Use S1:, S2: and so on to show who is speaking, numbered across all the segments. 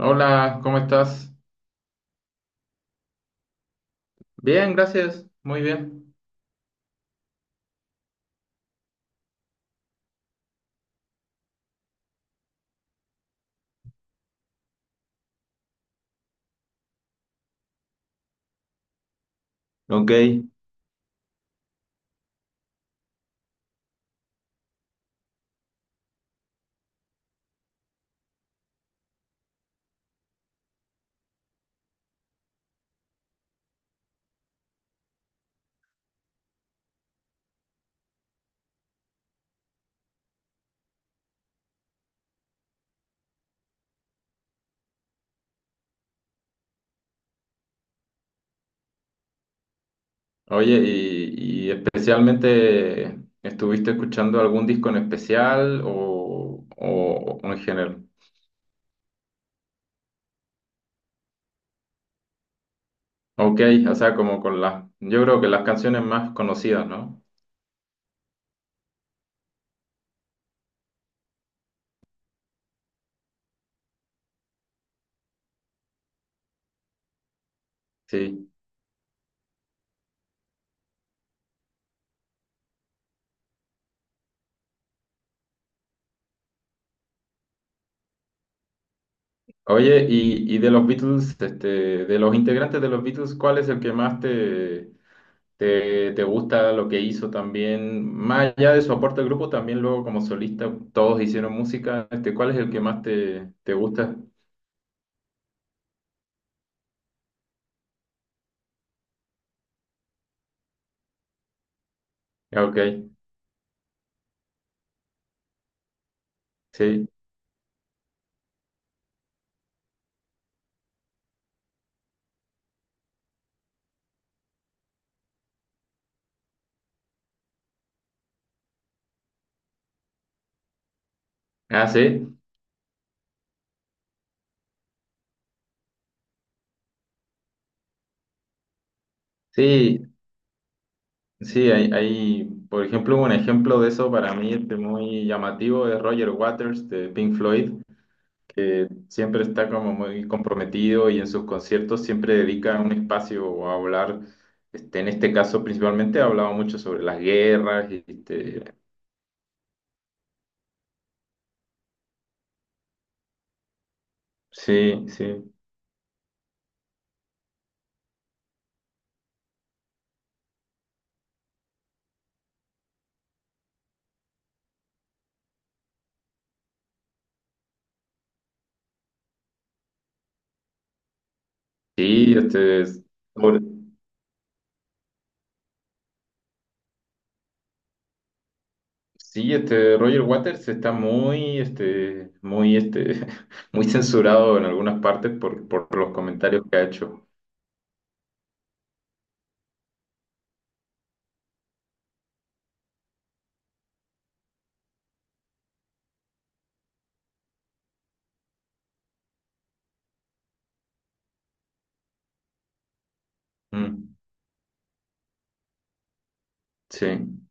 S1: Hola, ¿cómo estás? Bien, gracias, muy bien. Ok. Oye, y especialmente, ¿estuviste escuchando algún disco en especial o en general? Ok, o sea, como con yo creo que las canciones más conocidas, ¿no? Sí. Oye, y de los Beatles, este, de los integrantes de los Beatles, ¿cuál es el que más te? ¿Te, te gusta lo que hizo también? Más allá de su aporte al grupo, también luego como solista todos hicieron música. Este, ¿cuál es el que más te, te gusta? Ah, ok, sí. Ah, sí. Sí, sí, por ejemplo, un ejemplo de eso para mí este, muy llamativo es Roger Waters de Pink Floyd, que siempre está como muy comprometido y en sus conciertos siempre dedica un espacio a hablar. Este, en este caso, principalmente, ha hablado mucho sobre las guerras. Este, sí, sí. Sí, este, sobre- sí, este, Roger Waters está muy, este, muy censurado en algunas partes por los comentarios que ha hecho. Mm, sí.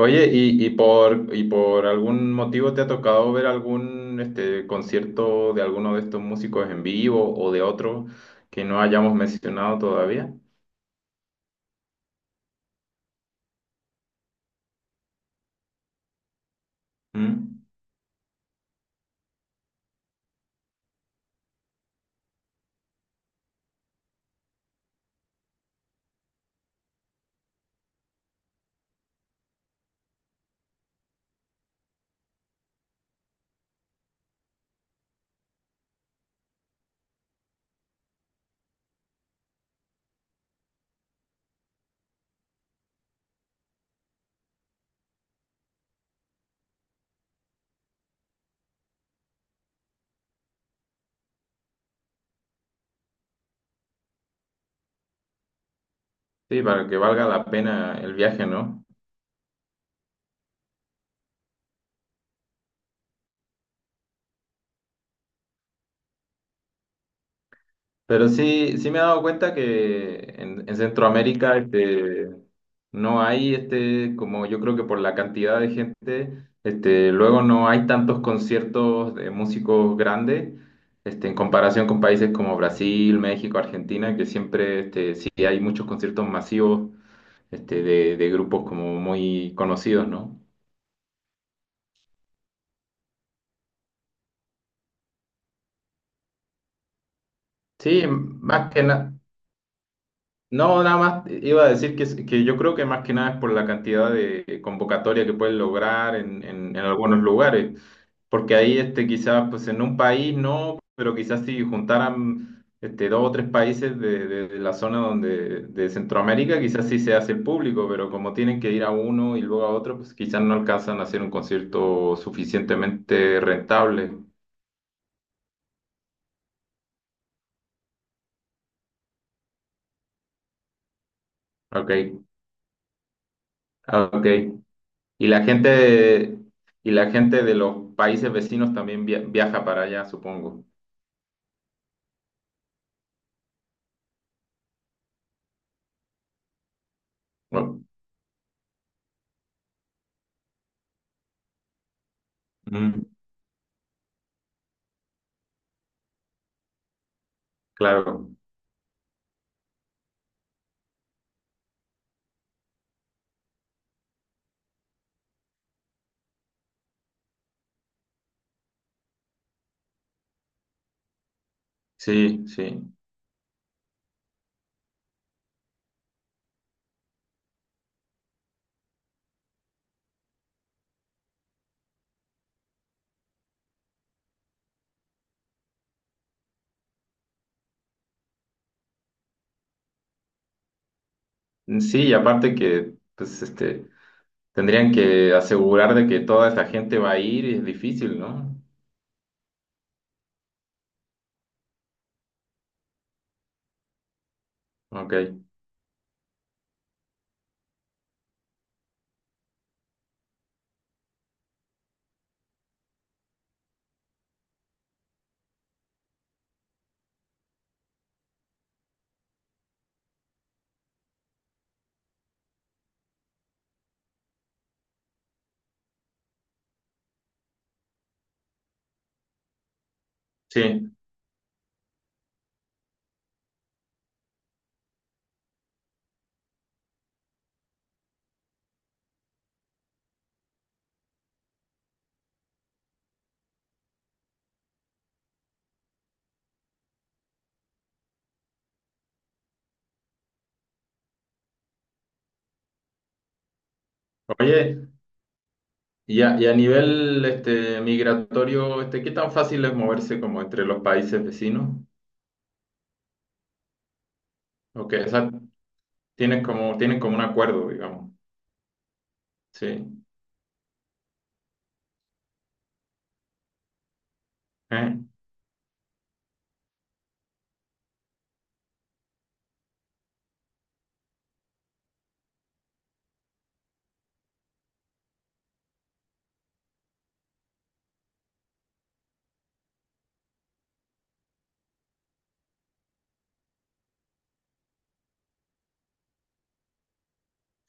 S1: Oye, y por algún motivo te ha tocado ver algún, este, concierto de alguno de estos músicos en vivo o de otro que no hayamos mencionado todavía? Mm, sí, para que valga la pena el viaje, ¿no? Pero sí, sí me he dado cuenta que en Centroamérica este, no hay, este, como yo creo que por la cantidad de gente, este, luego no hay tantos conciertos de músicos grandes, este, en comparación con países como Brasil, México, Argentina, que siempre este, sí hay muchos conciertos masivos este, de grupos como muy conocidos, ¿no? Sí, más que nada. No, nada más iba a decir que, que yo creo que más que nada es por la cantidad de convocatoria que pueden lograr en algunos lugares, porque ahí este, quizás pues en un país no, pero quizás si juntaran este, dos o tres países de la zona donde, de Centroamérica, quizás sí se hace público, pero como tienen que ir a uno y luego a otro, pues quizás no alcanzan a hacer un concierto suficientemente rentable. Ok, ok. Y la gente, y la gente de los países vecinos también viaja para allá, supongo. Bueno, mm, claro, sí, sí. Mm, sí, y aparte que, pues, este, tendrían que asegurar de que toda esa gente va a ir y es difícil, ¿no? Ok, sí. Oye, y a nivel, este, migratorio, este, ¿qué tan fácil es moverse como entre los países vecinos? Ok, o sea, tienen como un acuerdo, digamos. Sí. ¿Eh?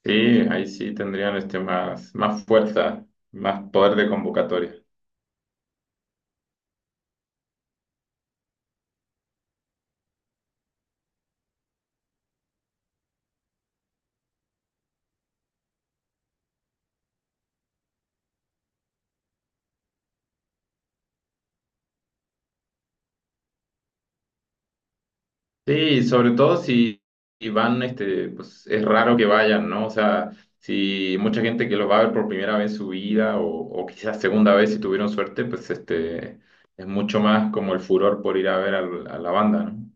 S1: Sí, ahí sí tendrían este más, más fuerza, más poder de convocatoria. Sí, y sobre todo si van, este, pues es raro que vayan, ¿no? O sea, si mucha gente que los va a ver por primera vez en su vida o quizás segunda vez si tuvieron suerte, pues este es mucho más como el furor por ir a ver a la banda, ¿no?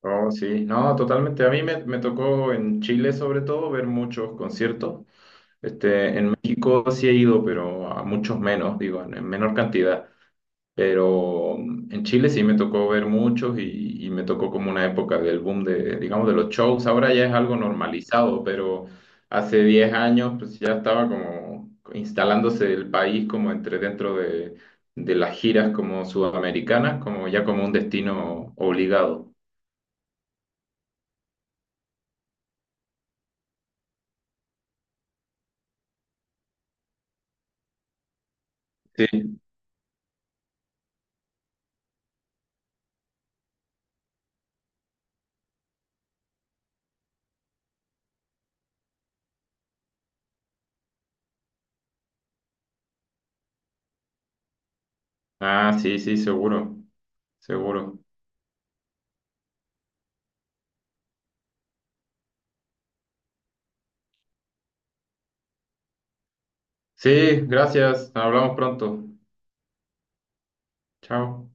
S1: Oh, sí, no, totalmente. A mí me tocó en Chile sobre todo ver muchos conciertos. Este, en México sí he ido, pero a muchos menos, digo, en menor cantidad. Pero mm, en Chile sí me tocó ver muchos y me tocó como una época del boom de, digamos, de los shows. Ahora ya es algo normalizado, pero hace 10 años pues ya estaba como instalándose el país como entre dentro de las giras como sudamericanas, como ya como un destino obligado. Sí. Ah, sí, sí, seguro, seguro. Sí, gracias. Hablamos pronto. Chao.